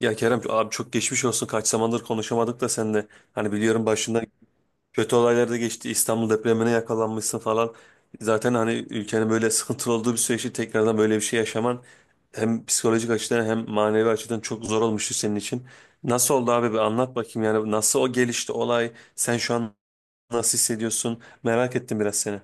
Ya Kerem abi çok geçmiş olsun. Kaç zamandır konuşamadık da seninle. Hani biliyorum başından kötü olaylar da geçti. İstanbul depremine yakalanmışsın falan. Zaten hani ülkenin böyle sıkıntılı olduğu bir süreçte tekrardan böyle bir şey yaşaman hem psikolojik açıdan hem manevi açıdan çok zor olmuştu senin için. Nasıl oldu abi? Bir anlat bakayım yani nasıl o gelişti olay? Sen şu an nasıl hissediyorsun? Merak ettim biraz seni.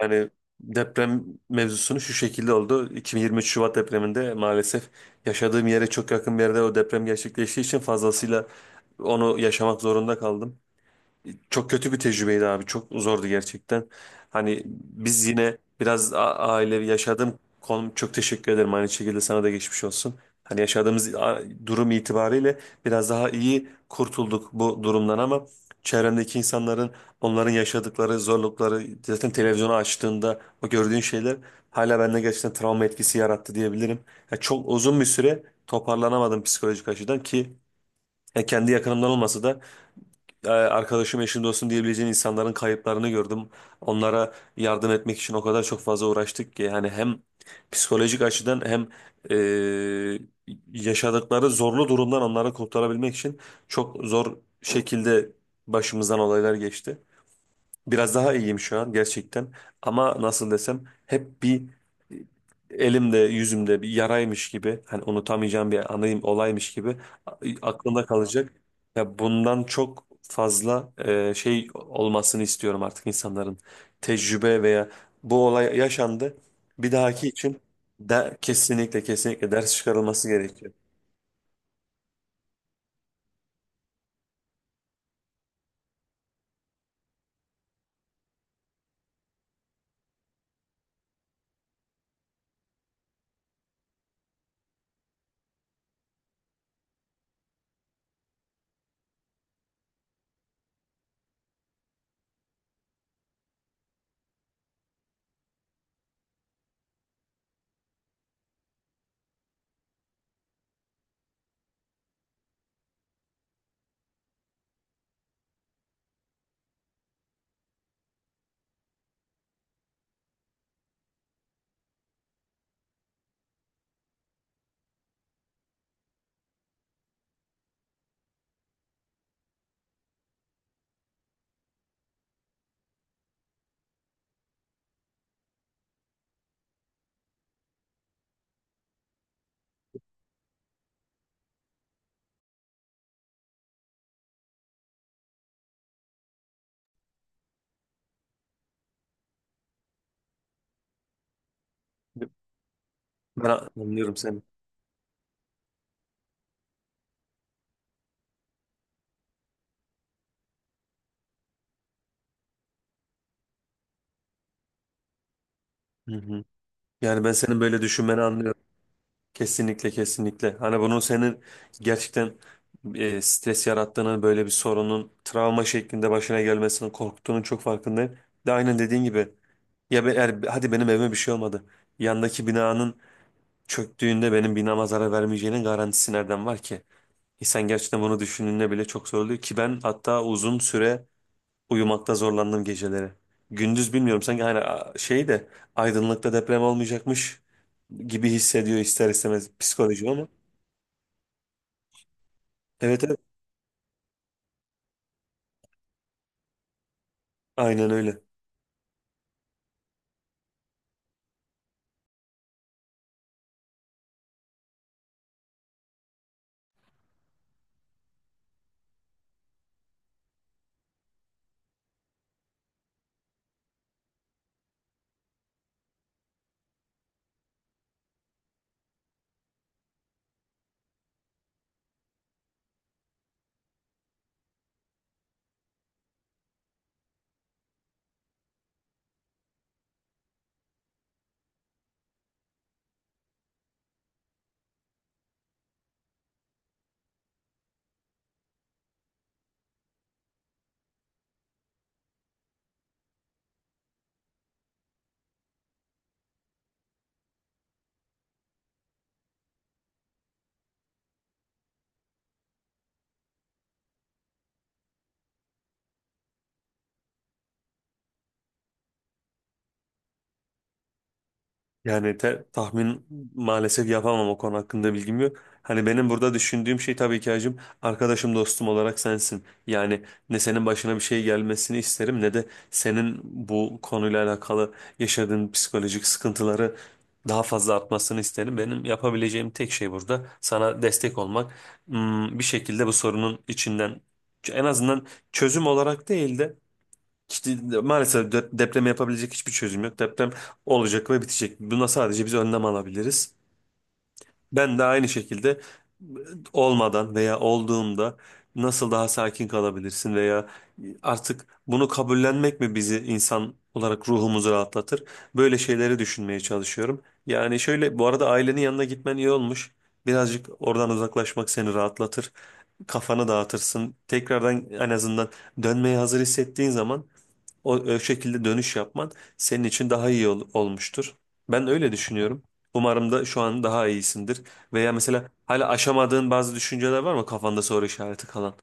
Yani deprem mevzusunu şu şekilde oldu. 2023 Şubat depreminde maalesef yaşadığım yere çok yakın bir yerde o deprem gerçekleştiği için fazlasıyla onu yaşamak zorunda kaldım. Çok kötü bir tecrübeydi abi. Çok zordu gerçekten. Hani biz yine biraz ailevi yaşadığım konum çok teşekkür ederim. Aynı şekilde sana da geçmiş olsun. Hani yaşadığımız durum itibariyle biraz daha iyi kurtulduk bu durumdan ama çevremdeki insanların onların yaşadıkları zorlukları zaten televizyonu açtığında o gördüğün şeyler hala bende gerçekten travma etkisi yarattı diyebilirim. Ya çok uzun bir süre toparlanamadım psikolojik açıdan ki ya kendi yakınımdan olmasa da arkadaşım, eşim, dostum diyebileceğin insanların kayıplarını gördüm. Onlara yardım etmek için o kadar çok fazla uğraştık ki yani hem psikolojik açıdan hem e, yaşadıkları zorlu durumdan onları kurtarabilmek için çok zor şekilde başımızdan olaylar geçti. Biraz daha iyiyim şu an gerçekten. Ama nasıl desem hep bir elimde yüzümde bir yaraymış gibi hani unutamayacağım bir anayım olaymış gibi aklımda kalacak. Ya bundan çok fazla şey olmasını istiyorum artık insanların tecrübe veya bu olay yaşandı bir dahaki için de kesinlikle kesinlikle ders çıkarılması gerekiyor. Ben anlıyorum seni. Hı hı. Yani ben senin böyle düşünmeni anlıyorum. Kesinlikle kesinlikle. Hani bunun senin gerçekten stres yarattığını, böyle bir sorunun travma şeklinde başına gelmesinin korktuğunun çok farkındayım. De aynen dediğin gibi. Ya be, hadi benim evime bir şey olmadı. Yandaki binanın çöktüğünde benim binama zarar vermeyeceğinin garantisi nereden var ki? İnsan gerçekten bunu düşündüğünde bile çok zor oluyor ki ben hatta uzun süre uyumakta zorlandım geceleri. Gündüz bilmiyorum sanki hani şey de aydınlıkta deprem olmayacakmış gibi hissediyor ister istemez psikolojim ama. Evet, evet. Aynen öyle. Yani tahmin maalesef yapamam o konu hakkında bilgim yok. Hani benim burada düşündüğüm şey tabii ki hacım arkadaşım dostum olarak sensin. Yani ne senin başına bir şey gelmesini isterim ne de senin bu konuyla alakalı yaşadığın psikolojik sıkıntıları daha fazla artmasını isterim. Benim yapabileceğim tek şey burada sana destek olmak. Hmm, bir şekilde bu sorunun içinden en azından çözüm olarak değil de İşte maalesef deprem yapabilecek hiçbir çözüm yok. Deprem olacak ve bitecek. Buna sadece biz önlem alabiliriz. Ben de aynı şekilde olmadan veya olduğunda nasıl daha sakin kalabilirsin veya artık bunu kabullenmek mi bizi insan olarak ruhumuzu rahatlatır? Böyle şeyleri düşünmeye çalışıyorum. Yani şöyle bu arada ailenin yanına gitmen iyi olmuş. Birazcık oradan uzaklaşmak seni rahatlatır. Kafanı dağıtırsın. Tekrardan en azından dönmeye hazır hissettiğin zaman o şekilde dönüş yapman senin için daha iyi olmuştur. Ben öyle düşünüyorum. Umarım da şu an daha iyisindir. Veya mesela hala aşamadığın bazı düşünceler var mı kafanda soru işareti kalan?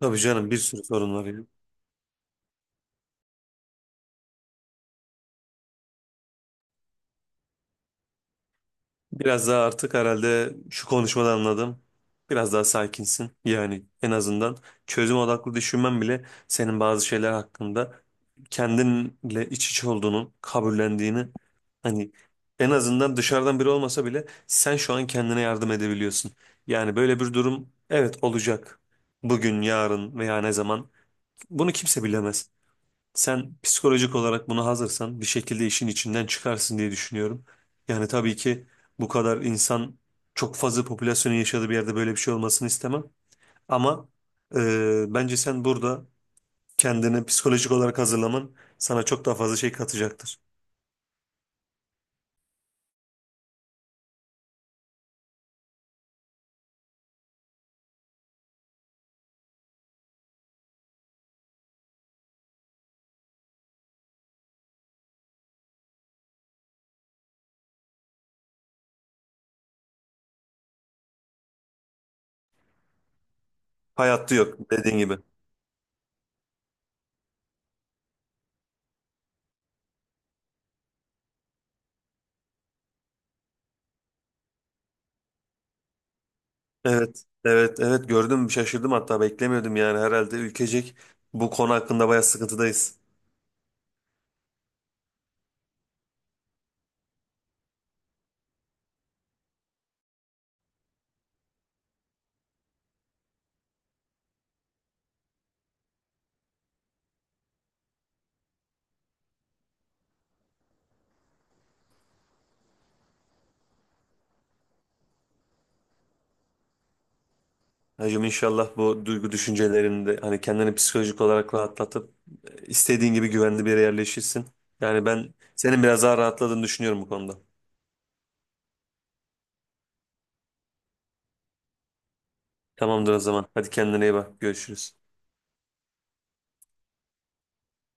Tabii canım bir sürü sorun var ya. Biraz daha artık herhalde şu konuşmadan anladım. Biraz daha sakinsin. Yani en azından çözüm odaklı düşünmen bile senin bazı şeyler hakkında kendinle iç içe olduğunun, kabullendiğini hani en azından dışarıdan biri olmasa bile sen şu an kendine yardım edebiliyorsun. Yani böyle bir durum evet olacak. Bugün, yarın veya ne zaman bunu kimse bilemez. Sen psikolojik olarak buna hazırsan bir şekilde işin içinden çıkarsın diye düşünüyorum. Yani tabii ki bu kadar insan çok fazla popülasyonun yaşadığı bir yerde böyle bir şey olmasını istemem. Ama bence sen burada kendini psikolojik olarak hazırlaman sana çok daha fazla şey katacaktır. Hayatta yok dediğin gibi. Evet, evet, evet gördüm şaşırdım hatta beklemiyordum yani herhalde ülkecek bu konu hakkında bayağı sıkıntıdayız. Hacım inşallah bu duygu düşüncelerini de hani kendini psikolojik olarak rahatlatıp istediğin gibi güvenli bir yere yerleşirsin. Yani ben senin biraz daha rahatladığını düşünüyorum bu konuda. Tamamdır o zaman. Hadi kendine iyi bak. Görüşürüz.